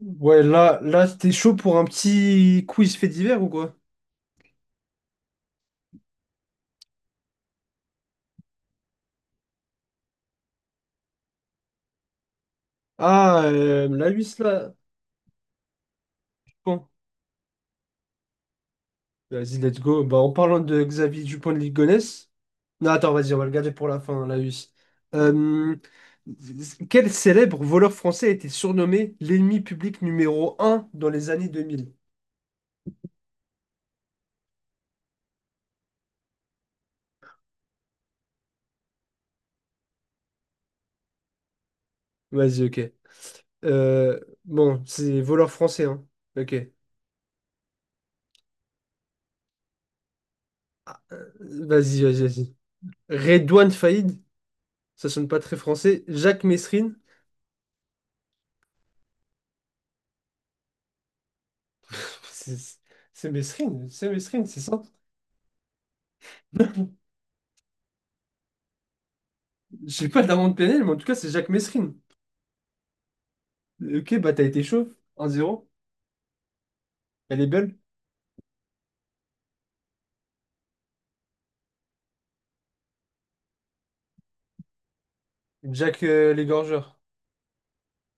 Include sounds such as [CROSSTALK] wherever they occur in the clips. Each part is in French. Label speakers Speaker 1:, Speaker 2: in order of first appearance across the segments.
Speaker 1: Ouais, là, là, t'es chaud pour un petit quiz fait divers ou quoi? Ah, la Luis, là. Bon, vas-y, let's go. Bah, en parlant de Xavier Dupont de Ligonnès. Non, attends, vas-y, on va le garder pour la fin, la Luis. Euh, Quel célèbre voleur français a été surnommé l'ennemi public numéro un dans les années 2000? Vas-y, ok. Euh, bon, c'est voleur français, hein. Ok. Vas-y, vas-y, vas-y. Redouane Faïd, ça sonne pas très français. Jacques Messrine, C'est c'est Mesrine, c'est Mesrine, c'est ça. [LAUGHS] J'ai pas de l'amende pénale, mais en tout cas, c'est Jacques Mesrine. Ok, bah t'as été chauve. 1 zéro, elle est belle. Jack l'égorgeur.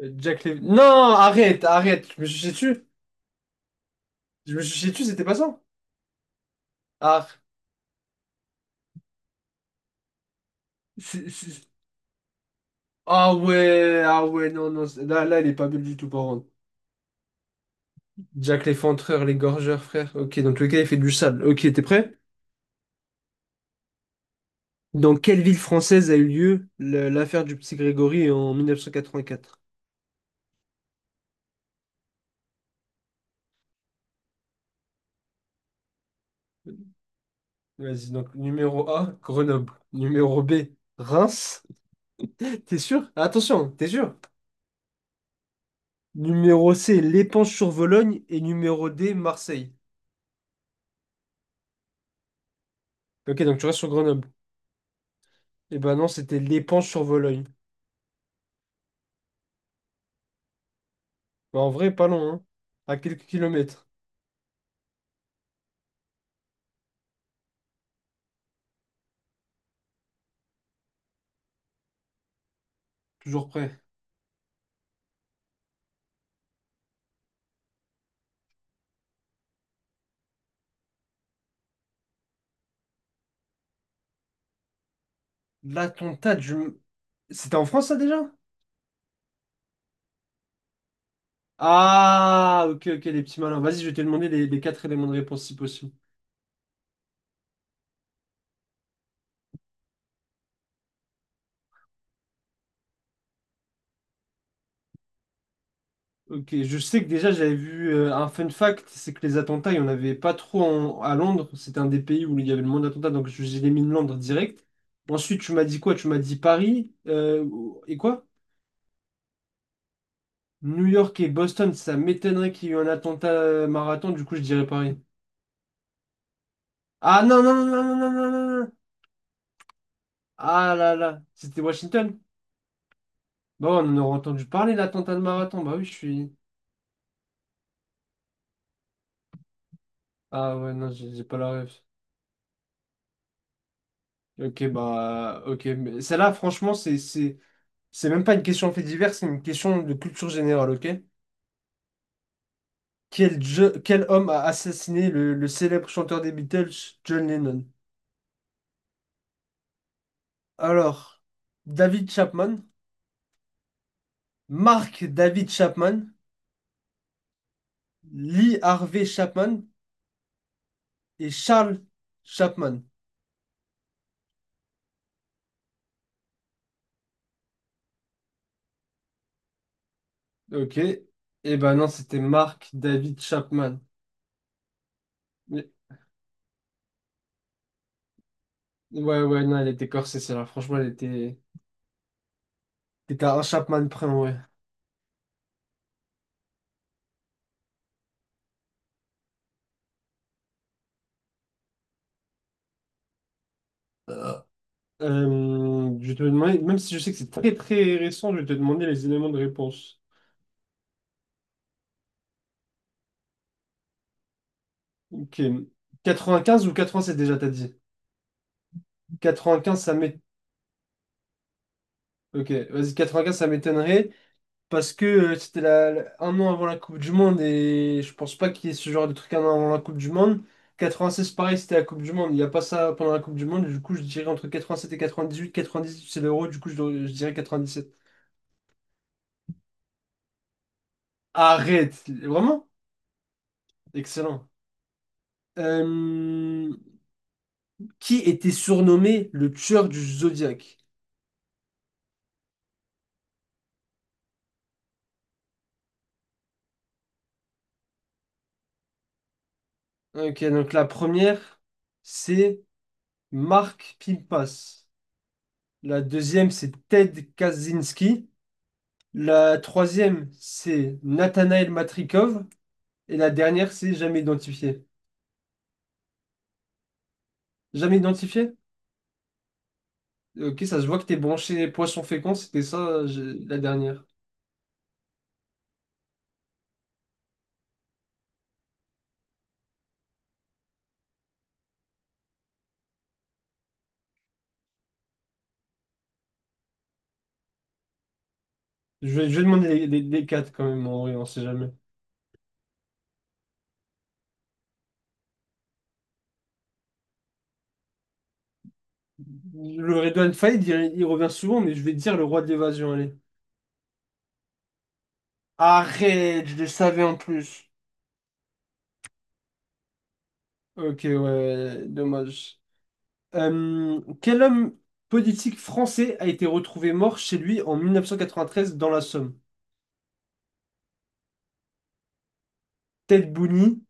Speaker 1: Jack les... Non, arrête, arrête. Je me suis chié dessus. Je me suis chié dessus, c'était pas ça. Ah, c'est- c'est- ah ouais, ah ouais, non, non. Là, là, elle est pas belle du tout, par contre. Jack l'effondreur, l'égorgeur, frère. Ok, donc le gars, il fait du sable. Ok, t'es prêt? Dans quelle ville française a eu lieu l'affaire du petit Grégory en 1984? Vas-y, donc numéro A, Grenoble. Numéro B, Reims. [LAUGHS] T'es sûr? Attention, t'es sûr? Numéro C, L'éponge-sur-Vologne. Et numéro D, Marseille. Ok, donc tu restes sur Grenoble. Eh ben non, c'était L'éponge-sur-Vologne. Bah, en vrai, pas loin, hein. À quelques kilomètres. Toujours près. L'attentat du... C'était en France, ça, déjà? Ah, ok, ok, les petits malins. Vas-y, je vais te demander les quatre éléments de réponse, si possible. Ok, je sais que déjà j'avais vu un fun fact, c'est que les attentats, il n'y en avait pas trop à Londres. C'était un des pays où il y avait le moins d'attentats, donc j'ai mis Londres direct. Ensuite, tu m'as dit quoi? Tu m'as dit Paris, et quoi? New York et Boston, ça m'étonnerait qu'il y ait eu un attentat marathon, du coup je dirais Paris. Ah non, non, non, non, non, non, non, non, non. Ah là là, c'était Washington? Bah ouais, on en aurait entendu parler, l'attentat de marathon. Bah oui, je suis. Ah ouais, non, j'ai pas la ref. Ok, bah, ok, mais celle-là, franchement, c'est même pas une question de fait divers, c'est une question de culture générale, ok? Quel, quel homme a assassiné le célèbre chanteur des Beatles, John Lennon? Alors, David Chapman, Mark David Chapman, Lee Harvey Chapman et Charles Chapman. Ok. Eh ben non, c'était Mark David Chapman. Mais ouais, ouais, non, elle était corsée, celle-là. Franchement, elle était... T'étais à un Chapman près, ouais. Je vais te demander, même si je sais que c'est très très récent, je vais te demander les éléments de réponse. Ok. 95 ou 87 déjà, t'as dit. 95, ça m'é... Ok, vas-y, 95, ça m'étonnerait parce que c'était un an avant la Coupe du Monde et je pense pas qu'il y ait ce genre de truc un an avant la Coupe du Monde. 96, pareil, c'était la Coupe du Monde. Il n'y a pas ça pendant la Coupe du Monde. Du coup, je dirais entre 87 et 98. 98, c'est l'euro. Du coup, je dirais sept. Arrête! Vraiment? Excellent. Euh, Qui était surnommé le tueur du Zodiaque? Ok, donc la première, c'est Mark Pimpas. La deuxième, c'est Ted Kaczynski. La troisième, c'est Nathanaël Matrikov. Et la dernière, c'est jamais identifié. Jamais identifié? Ok, ça se voit que t'es branché poisson fécond, c'était ça la dernière. Je vais demander les quatre quand même, en vrai, on sait jamais. Le Redouane Faïd, il revient souvent, mais je vais dire le roi de l'évasion, allez. Arrête, je le savais en plus. Ok, ouais, ouais, dommage. Quel homme politique français a été retrouvé mort chez lui en 1993 dans la Somme? Ted Bundy,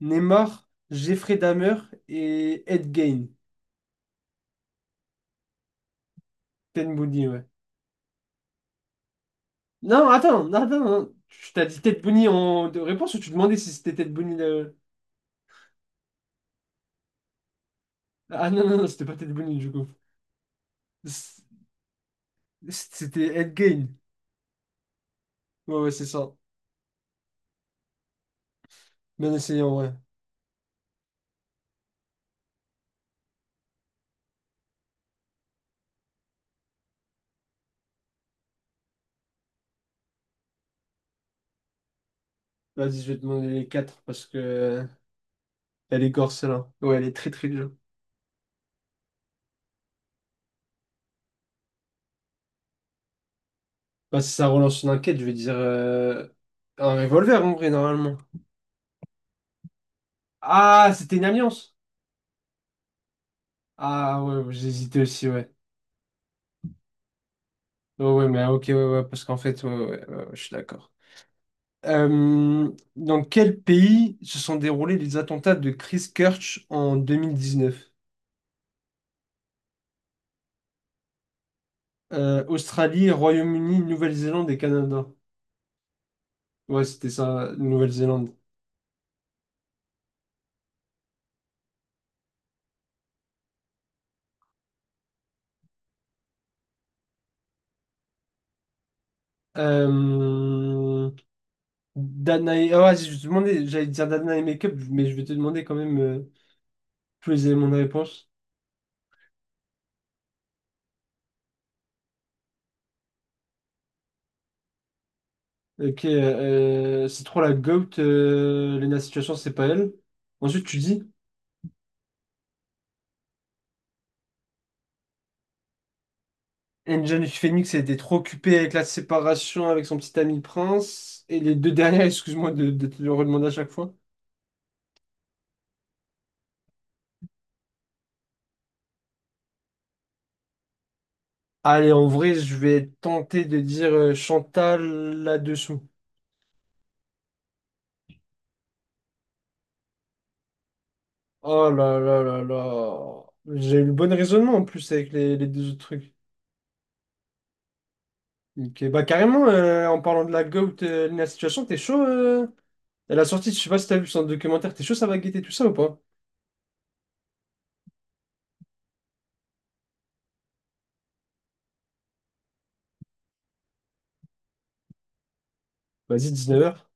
Speaker 1: Neymar, Jeffrey Dahmer et Ed Gein. Ted Bundy, ouais. Non, attends, non, attends, non. Tu t'as dit Ted Bundy en de réponse ou tu demandais si c'était Ted Bundy ah non, non, non, c'était pas Ted Bundy du coup. C- C'était Ed Gein. Ouais, ouais, c'est ça. Bien essayé en vrai. Vas-y, je vais te demander les quatre parce que. Elle est gore, celle-là. Ouais, elle est très très dure. Bah, si ça relance une enquête, je vais dire un revolver en vrai, normalement. Ah, c'était une alliance. Ah ouais, j'hésitais aussi, ouais. Ouais, ouais, mais ok, ouais, ouais, parce qu'en fait, ouais, ouais, ouais, ouais, je suis d'accord. Euh, dans quel pays se sont déroulés les attentats de Christchurch en 2019? Australie, Royaume-Uni, Nouvelle-Zélande et Canada. Ouais, c'était ça, Nouvelle-Zélande. Euh, Danae. Ah ouais, si, je vais te demander, j'allais dire Danae Makeup, mais je vais te demander quand même tous les éléments de réponse. Ok, c'est trop la GOAT, Lena Situation, c'est pas elle. Ensuite, tu dis, Angel Phoenix elle était trop occupée avec la séparation avec son petit ami Prince. Et les deux dernières, [LAUGHS] excuse-moi de te le redemander à chaque fois. Allez, en vrai, je vais tenter de dire Chantal là-dessous. Oh là là là là. J'ai eu le bon raisonnement en plus avec les deux autres trucs. Ok, bah carrément, en parlant de la GOAT, la situation, t'es chaud elle a sorti, je sais pas si t'as vu son documentaire, t'es chaud, ça va guetter tout ça ou pas? Vas-y, 19h.